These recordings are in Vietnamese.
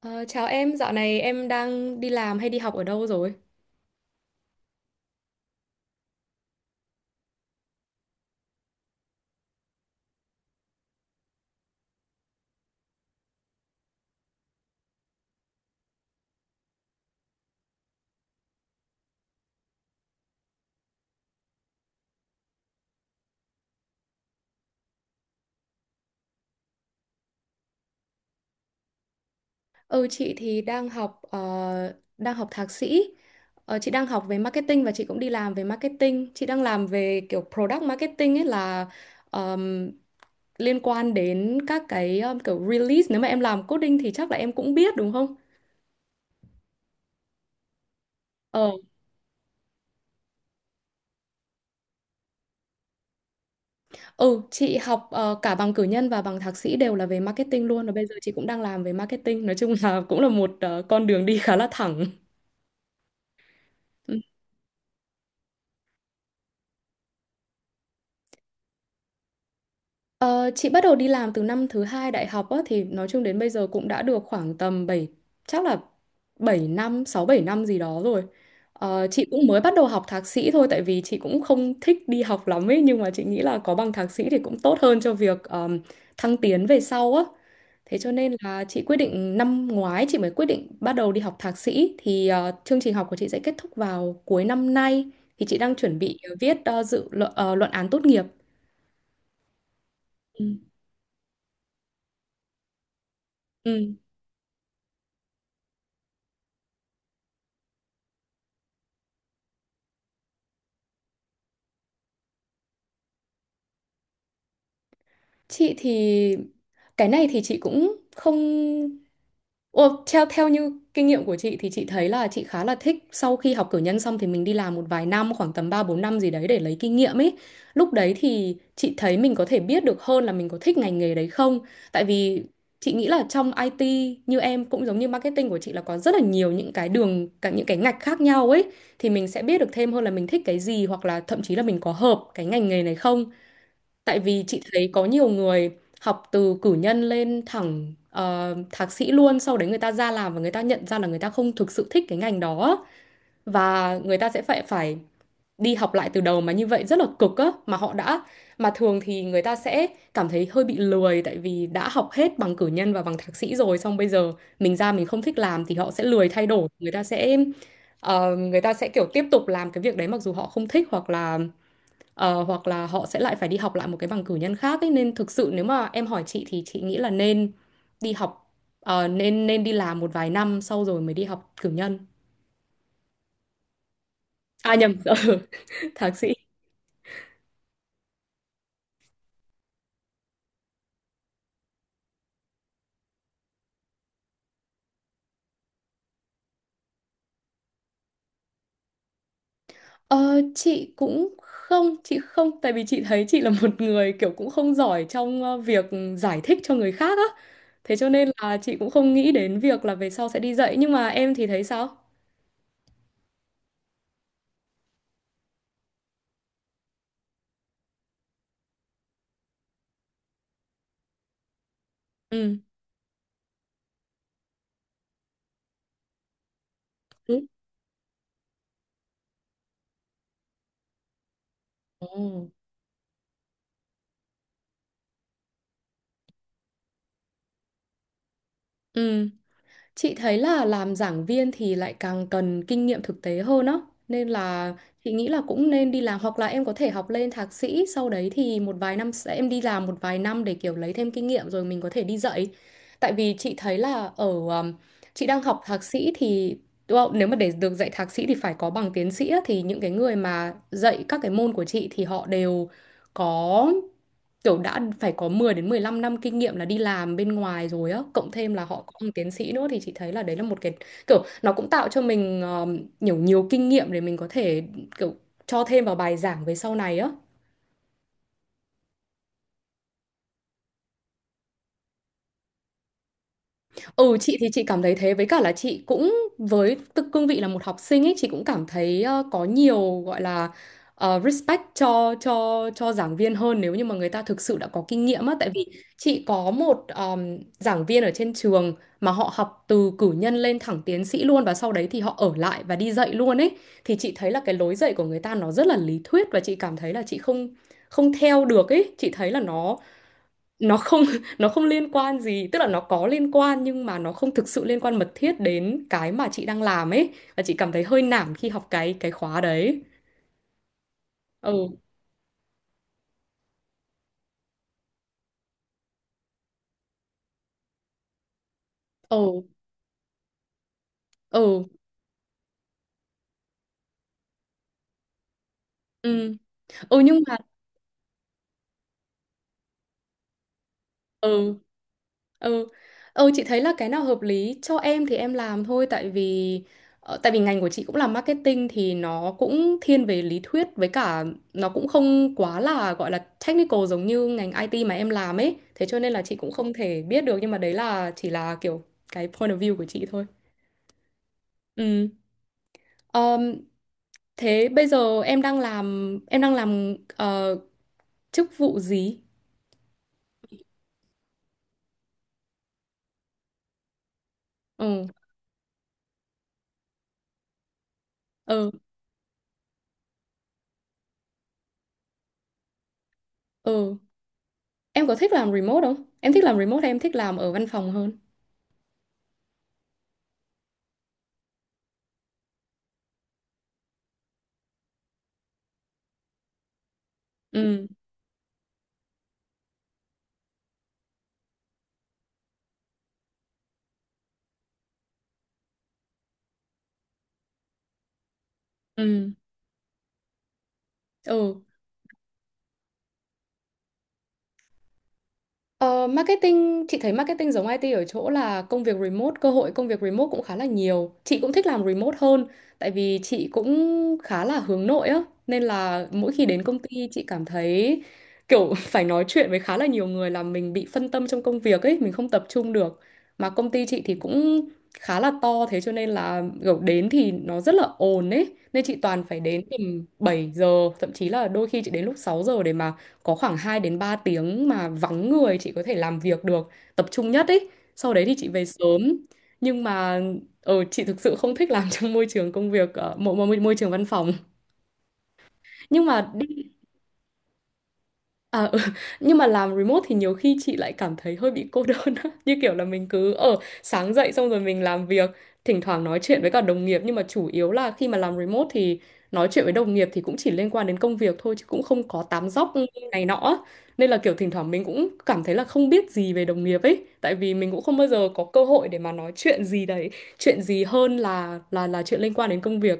Ờ, chào em, dạo này em đang đi làm hay đi học ở đâu rồi? Ừ, chị thì đang học thạc sĩ. Chị đang học về marketing và chị cũng đi làm về marketing. Chị đang làm về kiểu product marketing ấy là ờm, liên quan đến các cái kiểu release. Nếu mà em làm coding thì chắc là em cũng biết đúng không? Ờ, ừ, chị học cả bằng cử nhân và bằng thạc sĩ đều là về marketing luôn. Và bây giờ chị cũng đang làm về marketing. Nói chung là cũng là một con đường đi khá là thẳng. Ừ. Ờ, chị bắt đầu đi làm từ năm thứ hai đại học á, thì nói chung đến bây giờ cũng đã được khoảng tầm bảy, chắc là 7 năm, 6-7 năm gì đó rồi. Chị cũng mới bắt đầu học thạc sĩ thôi tại vì chị cũng không thích đi học lắm ấy nhưng mà chị nghĩ là có bằng thạc sĩ thì cũng tốt hơn cho việc thăng tiến về sau á. Thế cho nên là chị quyết định năm ngoái chị mới quyết định bắt đầu đi học thạc sĩ thì chương trình học của chị sẽ kết thúc vào cuối năm nay thì chị đang chuẩn bị viết luận án tốt nghiệp. Ừ. Ừ. Chị thì cái này thì chị cũng không. Ồ, theo theo như kinh nghiệm của chị thì chị thấy là chị khá là thích sau khi học cử nhân xong thì mình đi làm một vài năm khoảng tầm 3-4 năm gì đấy để lấy kinh nghiệm ấy. Lúc đấy thì chị thấy mình có thể biết được hơn là mình có thích ngành nghề đấy không. Tại vì chị nghĩ là trong IT như em cũng giống như marketing của chị là có rất là nhiều những cái đường cả những cái ngạch khác nhau ấy thì mình sẽ biết được thêm hơn là mình thích cái gì hoặc là thậm chí là mình có hợp cái ngành nghề này không. Tại vì chị thấy có nhiều người học từ cử nhân lên thẳng thạc sĩ luôn, sau đấy người ta ra làm và người ta nhận ra là người ta không thực sự thích cái ngành đó và người ta sẽ phải phải đi học lại từ đầu mà như vậy rất là cực á, mà họ đã, mà thường thì người ta sẽ cảm thấy hơi bị lười tại vì đã học hết bằng cử nhân và bằng thạc sĩ rồi xong bây giờ mình ra mình không thích làm thì họ sẽ lười thay đổi, người ta sẽ kiểu tiếp tục làm cái việc đấy mặc dù họ không thích, hoặc là hoặc là họ sẽ lại phải đi học lại một cái bằng cử nhân khác ấy. Nên thực sự nếu mà em hỏi chị thì chị nghĩ là nên đi học nên đi làm một vài năm sau rồi mới đi học cử nhân, à nhầm, thạc sĩ. Chị không, tại vì chị thấy chị là một người kiểu cũng không giỏi trong việc giải thích cho người khác á, thế cho nên là chị cũng không nghĩ đến việc là về sau sẽ đi dạy, nhưng mà em thì thấy sao? Ừ. Ừ. Ồ. Ừ. Chị thấy là làm giảng viên thì lại càng cần kinh nghiệm thực tế hơn á. Nên là chị nghĩ là cũng nên đi làm hoặc là em có thể học lên thạc sĩ, sau đấy thì một vài năm em đi làm một vài năm để kiểu lấy thêm kinh nghiệm rồi mình có thể đi dạy. Tại vì chị thấy là ở um, chị đang học thạc sĩ thì nếu mà để được dạy thạc sĩ thì phải có bằng tiến sĩ á, thì những cái người mà dạy các cái môn của chị thì họ đều có, kiểu đã phải có 10 đến 15 năm kinh nghiệm là đi làm bên ngoài rồi á, cộng thêm là họ có bằng tiến sĩ nữa, thì chị thấy là đấy là một cái kiểu nó cũng tạo cho mình nhiều nhiều kinh nghiệm để mình có thể kiểu cho thêm vào bài giảng về sau này á. Ừ, chị thì chị cảm thấy thế, với cả là chị cũng với tư cương vị là một học sinh ấy, chị cũng cảm thấy có nhiều, gọi là respect cho giảng viên hơn nếu như mà người ta thực sự đã có kinh nghiệm á, tại vì chị có một giảng viên ở trên trường mà họ học từ cử nhân lên thẳng tiến sĩ luôn và sau đấy thì họ ở lại và đi dạy luôn ấy, thì chị thấy là cái lối dạy của người ta nó rất là lý thuyết và chị cảm thấy là chị không không theo được ấy, chị thấy là nó không nó không liên quan gì, tức là nó có liên quan nhưng mà nó không thực sự liên quan mật thiết đến cái mà chị đang làm ấy, và chị cảm thấy hơi nản khi học cái khóa đấy. Ừ. Ừ. Ừ. Ừ. Ừ. Nhưng mà ừ. Ừ. Ừ, chị thấy là cái nào hợp lý cho em thì em làm thôi, tại vì tại vì ngành của chị cũng là marketing thì nó cũng thiên về lý thuyết, với cả nó cũng không quá là, gọi là technical giống như ngành IT mà em làm ấy. Thế cho nên là chị cũng không thể biết được, nhưng mà đấy là chỉ là kiểu cái point of view của chị thôi. Ừ. Ờm, thế bây giờ em đang làm, em đang làm chức vụ gì? Ừ. Ừ. Ừ. Em có thích làm remote không? Em thích làm remote hay em thích làm ở văn phòng hơn? Ừ, ừ, ừ. Ờ, marketing, chị thấy marketing giống IT ở chỗ là công việc remote, cơ hội công việc remote cũng khá là nhiều. Chị cũng thích làm remote hơn, tại vì chị cũng khá là hướng nội á, nên là mỗi khi đến công ty chị cảm thấy kiểu phải nói chuyện với khá là nhiều người là mình bị phân tâm trong công việc ấy, mình không tập trung được. Mà công ty chị thì cũng khá là to, thế cho nên là kiểu đến thì nó rất là ồn ấy, nên chị toàn phải đến tầm 7 giờ, thậm chí là đôi khi chị đến lúc 6 giờ để mà có khoảng 2 đến 3 tiếng mà vắng người chị có thể làm việc được, tập trung nhất ấy. Sau đấy thì chị về sớm. Nhưng mà chị thực sự không thích làm trong môi trường công việc ở môi trường văn phòng. Nhưng mà. À, ừ. Nhưng mà làm remote thì nhiều khi chị lại cảm thấy hơi bị cô đơn á. Như kiểu là mình cứ ở, sáng dậy xong rồi mình làm việc, thỉnh thoảng nói chuyện với cả đồng nghiệp, nhưng mà chủ yếu là khi mà làm remote thì nói chuyện với đồng nghiệp thì cũng chỉ liên quan đến công việc thôi chứ cũng không có tám dóc này nọ á. Nên là kiểu thỉnh thoảng mình cũng cảm thấy là không biết gì về đồng nghiệp ấy, tại vì mình cũng không bao giờ có cơ hội để mà nói chuyện gì đấy, chuyện gì hơn là chuyện liên quan đến công việc.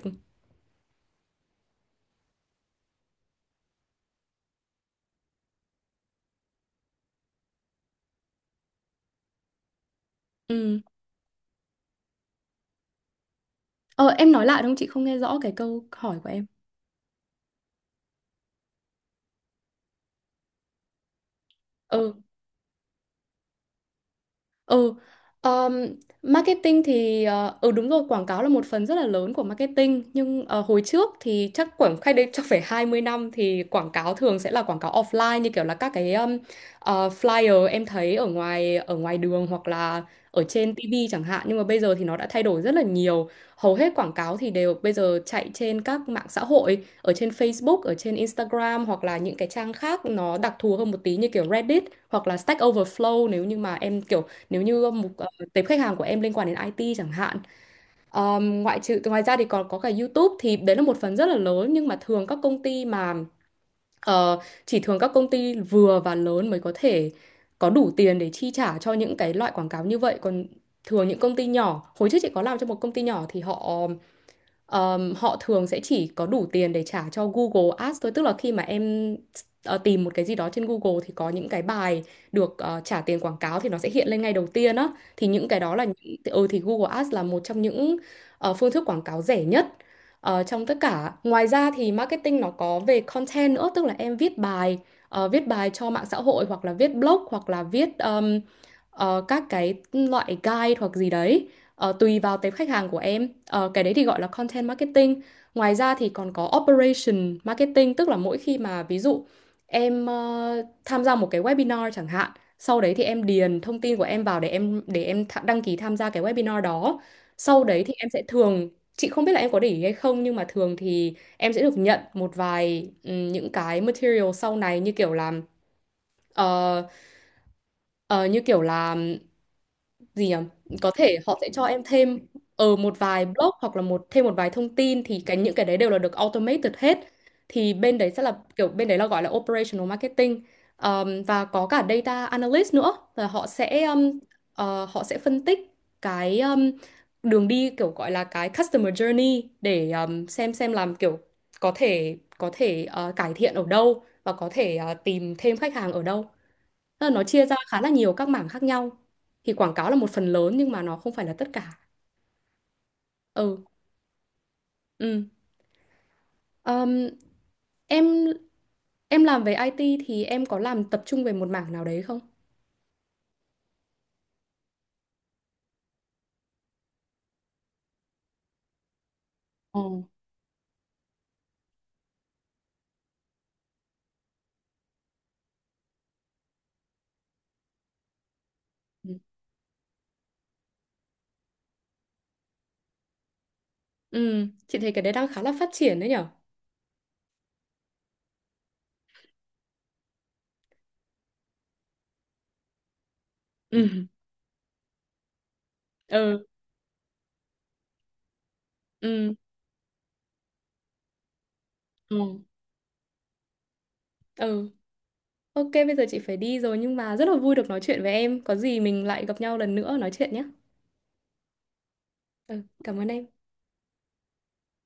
Ừ. Ờ em nói lại đúng không? Chị không nghe rõ cái câu hỏi của em. Ừ, um, marketing thì ừ đúng rồi, quảng cáo là một phần rất là lớn của marketing, nhưng hồi trước thì chắc khoảng cách đây chắc phải 20 năm thì quảng cáo thường sẽ là quảng cáo offline, như kiểu là các cái flyer em thấy ở ngoài đường hoặc là ở trên TV chẳng hạn, nhưng mà bây giờ thì nó đã thay đổi rất là nhiều. Hầu hết quảng cáo thì đều bây giờ chạy trên các mạng xã hội, ở trên Facebook, ở trên Instagram hoặc là những cái trang khác nó đặc thù hơn một tí như kiểu Reddit hoặc là Stack Overflow, nếu như mà em kiểu, nếu như mục tệp khách hàng của em liên quan đến IT chẳng hạn. Ngoại trừ Ngoài ra thì còn có cả YouTube, thì đấy là một phần rất là lớn, nhưng mà thường các công ty mà ờ, chỉ, thường các công ty vừa và lớn mới có thể có đủ tiền để chi trả cho những cái loại quảng cáo như vậy, còn thường những công ty nhỏ, hồi trước chị có làm cho một công ty nhỏ thì họ, họ thường sẽ chỉ có đủ tiền để trả cho Google Ads thôi, tức là khi mà em tìm một cái gì đó trên Google thì có những cái bài được trả tiền quảng cáo thì nó sẽ hiện lên ngay đầu tiên á, thì những cái đó là những, thì Google Ads là một trong những phương thức quảng cáo rẻ nhất trong tất cả. Ngoài ra thì marketing nó có về content nữa, tức là em viết bài, cho mạng xã hội hoặc là viết blog hoặc là viết các cái loại guide hoặc gì đấy. Tùy vào tệp khách hàng của em. Ờ, cái đấy thì gọi là content marketing. Ngoài ra thì còn có operation marketing, tức là mỗi khi mà ví dụ em tham gia một cái webinar chẳng hạn, sau đấy thì em điền thông tin của em vào để em đăng ký tham gia cái webinar đó, sau đấy thì em sẽ thường, chị không biết là em có để ý hay không nhưng mà thường thì em sẽ được nhận một vài, những cái material sau này như kiểu là, ờ, ờ, như kiểu là gì nhỉ? Có thể họ sẽ cho em thêm ở một vài blog hoặc là một, thêm một vài thông tin, thì cái những cái đấy đều là được automated hết. Thì bên đấy sẽ là kiểu, bên đấy là gọi là operational marketing. Và có cả data analyst nữa, là họ sẽ họ sẽ phân tích cái đường đi, kiểu gọi là cái customer journey để xem làm kiểu có thể cải thiện ở đâu và có thể tìm thêm khách hàng ở đâu. Tức là nó chia ra khá là nhiều các mảng khác nhau. Thì quảng cáo là một phần lớn, nhưng mà nó không phải là tất cả. Ừ, ừ. Ờm, em em làm về IT thì em có làm tập trung về một mảng nào đấy không? Ồ. Ừ. Ừ, chị thấy cái đấy đang khá là phát triển đấy nhở? Ừ. Ừ, ừ, ừ, ừ. Ok, bây giờ chị phải đi rồi nhưng mà rất là vui được nói chuyện với em. Có gì mình lại gặp nhau lần nữa nói chuyện nhé. Ừ, cảm ơn em.